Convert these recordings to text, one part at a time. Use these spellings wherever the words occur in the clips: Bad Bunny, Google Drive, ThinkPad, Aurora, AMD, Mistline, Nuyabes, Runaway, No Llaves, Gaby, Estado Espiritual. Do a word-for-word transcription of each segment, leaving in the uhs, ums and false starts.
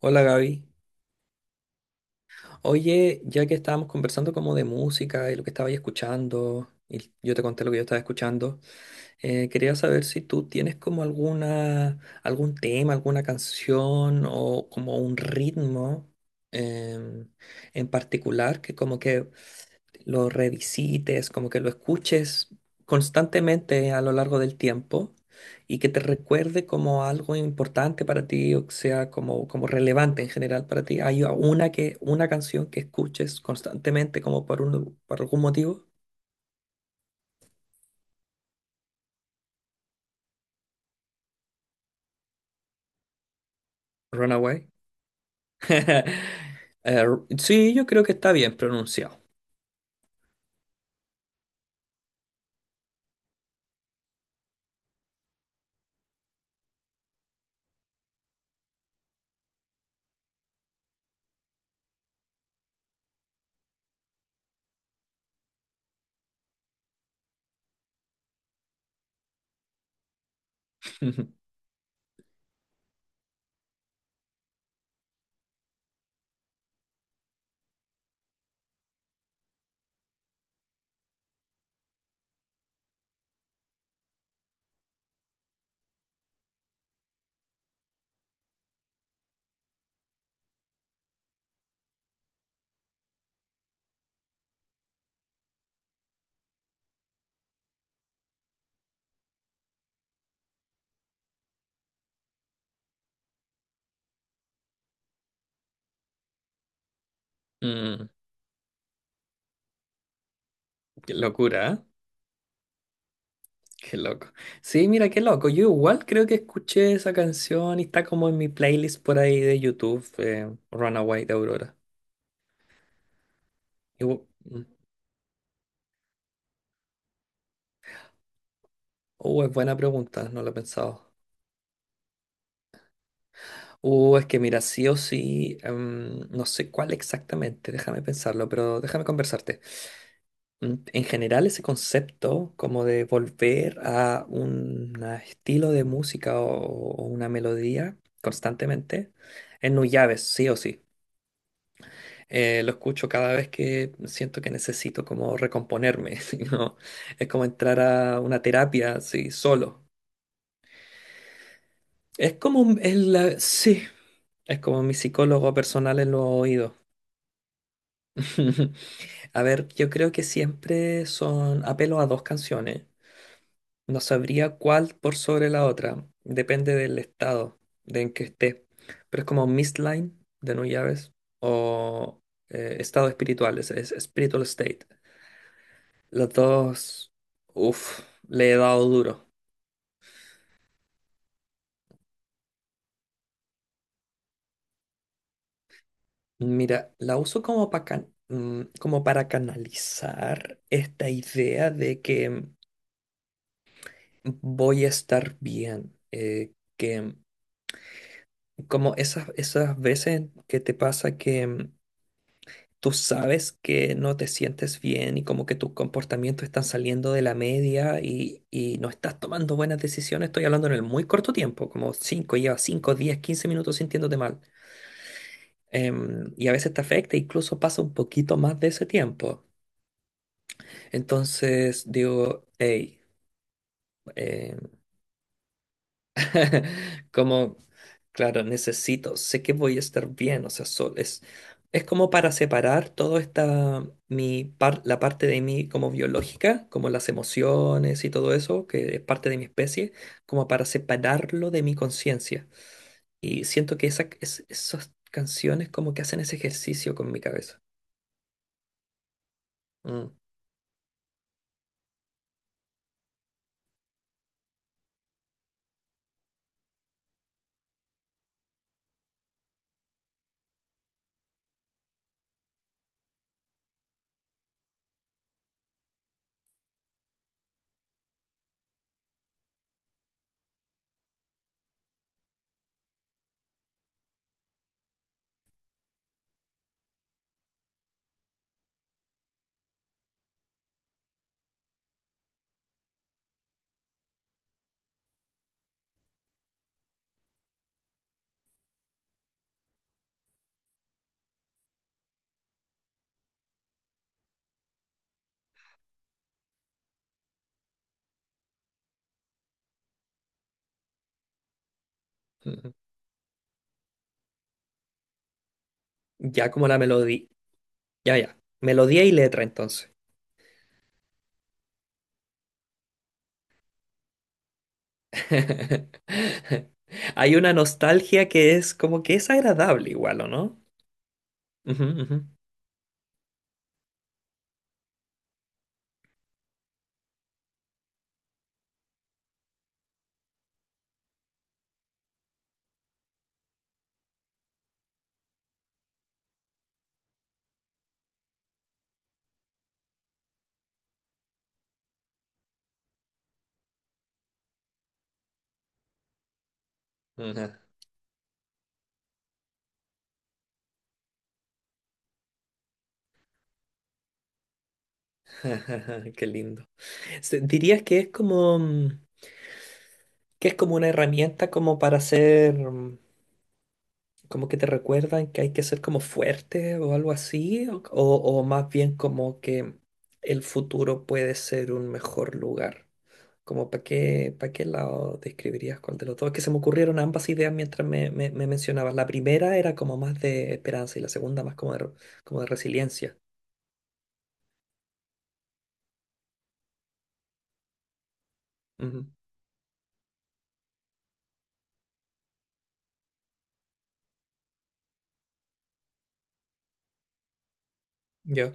Hola Gaby. Oye, ya que estábamos conversando como de música y lo que estaba ahí escuchando, y yo te conté lo que yo estaba escuchando, eh, quería saber si tú tienes como alguna, algún tema, alguna canción o como un ritmo em, en particular que como que lo revisites, como que lo escuches constantemente a lo largo del tiempo y que te recuerde como algo importante para ti, o que sea como, como relevante en general para ti. ¿Hay una, que, una canción que escuches constantemente como por, un, por algún motivo? Runaway. Eh, sí, yo creo que está bien pronunciado. Mm. Qué locura, ¿eh? Qué loco. Sí, mira, qué loco. Yo igual creo que escuché esa canción y está como en mi playlist por ahí de YouTube, eh, Runaway de Aurora. Igu- mm. Uh, es buena pregunta, no lo he pensado. Uh, es que mira, sí o sí, em, no sé cuál exactamente, déjame pensarlo, pero déjame conversarte. Mm, En general, ese concepto como de volver a un a estilo de música o, o una melodía constantemente, en Nuyabes, sí o sí. Eh, lo escucho cada vez que siento que necesito como recomponerme. ¿Sí? ¿No? Es como entrar a una terapia, sí, solo. Es como, un- es la- sí, es como mi psicólogo personal en los oídos. A ver, yo creo que siempre son apelo a dos canciones. No sabría cuál por sobre la otra. Depende del estado de en que esté. Pero es como Mistline de No Llaves o eh, Estado Espiritual, es, es Spiritual State. Las dos, uff, le he dado duro. Mira, la uso como para como para canalizar esta idea de que voy a estar bien, eh, que como esas, esas veces que te pasa que mm, tú sabes que no te sientes bien y como que tus comportamientos están saliendo de la media y, y no estás tomando buenas decisiones, estoy hablando en el muy corto tiempo, como cinco llevas cinco diez, quince minutos sintiéndote mal. Em, y a veces te afecta, incluso pasa un poquito más de ese tiempo. Entonces digo, hey, eh, como, claro, necesito, sé que voy a estar bien, o sea, so- es, es como para separar toda esta, mi par- la parte de mí como biológica, como las emociones y todo eso, que es parte de mi especie, como para separarlo de mi conciencia. Y siento que esa, es- esas canciones como que hacen ese ejercicio con mi cabeza. Mm, mm, mm. Ya como la melodía, ya, ya, melodía y letra entonces. Hay una nostalgia que es como que es agradable igual, ¿o no? Ujú, ujú. Ajá, ajá. Qué lindo. Se- ¿Dirías que es como mm, que es como una herramienta como para ser mm, como que te recuerdan que hay que ser como fuerte o algo así? O, o o más bien como que el futuro puede ser un mejor lugar. Como para qué, para qué lado describirías cuál de los dos. Es que se me ocurrieron ambas ideas mientras me, me, me mencionabas. La primera era como más de esperanza y la segunda más como de, re- como de resiliencia. Ujú. Yo.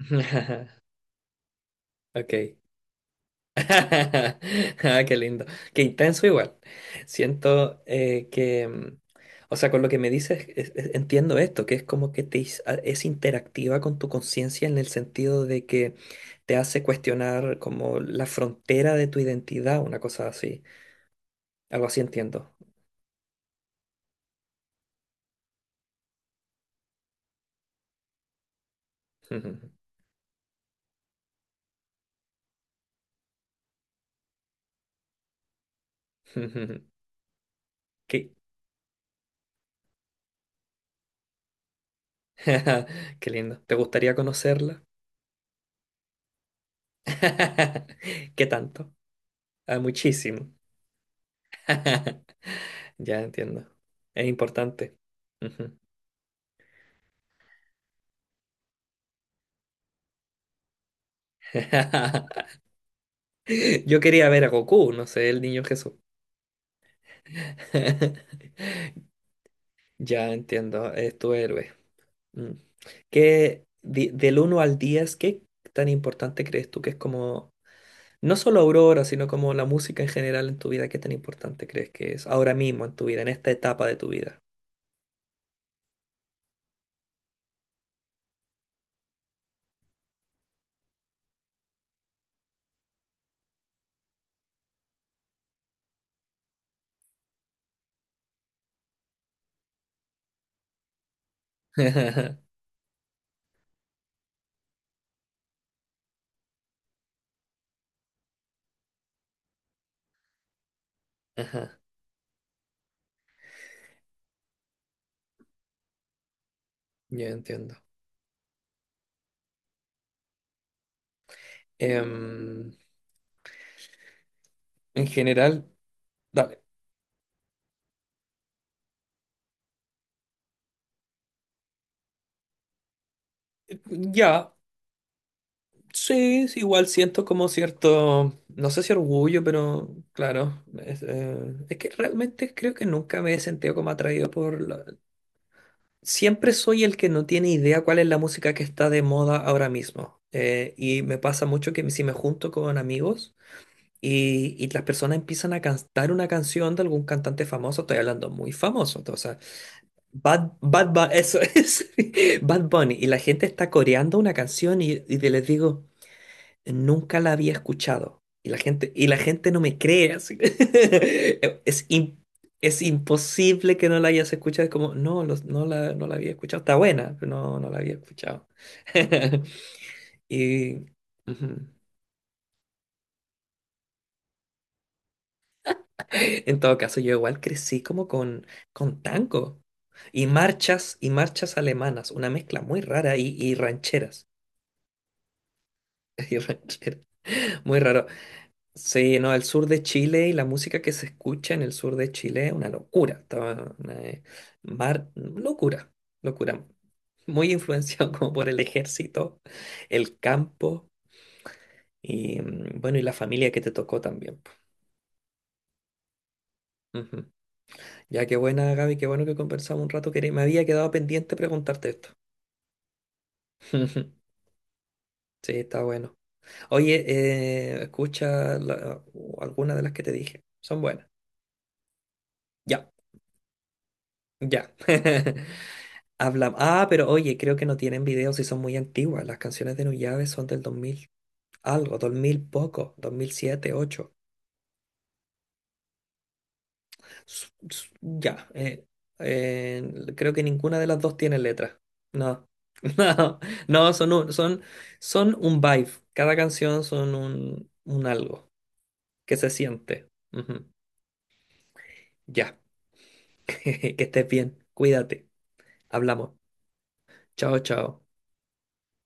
Ok. Ah, qué lindo. Qué intenso igual. Siento eh, que, mm, o sea, con lo que me dices, es- es- entiendo esto, que es como que te, is- a- es interactiva con tu conciencia en el sentido de que te hace cuestionar como la frontera de tu identidad, una cosa así. Algo así entiendo. Qué, qué lindo. ¿Te gustaría conocerla? ¿Qué tanto? Ah, muchísimo. Ya entiendo. Es importante. Ujú. Yo quería ver a Goku, no sé, el niño Jesús. Ya entiendo, es tu héroe. Mm. ¿Qué, di- del uno al diez qué tan importante crees tú que es como no solo Aurora, sino como la música en general en tu vida, ¿qué tan importante crees que es ahora mismo en tu vida, en esta etapa de tu vida? Ajá, yo entiendo. Em, en general, dale. Ya, sí, sí, igual siento como cierto, no sé si orgullo, pero claro, es, eh, es que realmente creo que nunca me he sentido como atraído por la. Siempre soy el que no tiene idea cuál es la música que está de moda ahora mismo. Eh, y me pasa mucho que si me junto con amigos, Y, y las personas empiezan a cantar una canción de algún cantante famoso, estoy hablando muy famoso, o sea, Bad, Bad Bu- eso es, Bad Bunny, y la gente está coreando una canción y, y de- les digo, nunca la había escuchado, y la gente, y la gente no me cree, así. Es, im- es imposible que no la hayas escuchado, es como, no, los- no la, no la había escuchado, está buena, pero no, no la había escuchado. Y, ujú. En todo caso, yo igual crecí como con, con tango y marchas y marchas alemanas, una mezcla muy rara y, y rancheras. Y rancheras, muy raro. Sí, no, el sur de Chile y la música que se escucha en el sur de Chile es una locura. Estaba una, eh, mar- locura, locura. Muy influenciado como por el ejército, el campo y mm, bueno, y la familia que te tocó también po. Ujú. Ya qué buena, Gaby, qué bueno que conversamos un rato, que me había quedado pendiente preguntarte esto. Sí, está bueno. Oye, eh, escucha la- alguna de las que te dije. Son buenas. Ya, ya. Habla. Ah, pero oye, creo que no tienen videos y son muy antiguas. Las canciones de Nuyave son del dos mil algo, dos mil poco, dos mil siete, dos mil ocho. S- s- Ya. eh, eh, creo que ninguna de las dos tiene letra. No. No, no, son un, son, son un, vibe. Cada canción son un, un algo que se siente. Ujú. Ya. Que estés bien, cuídate. Hablamos. Chao, chao.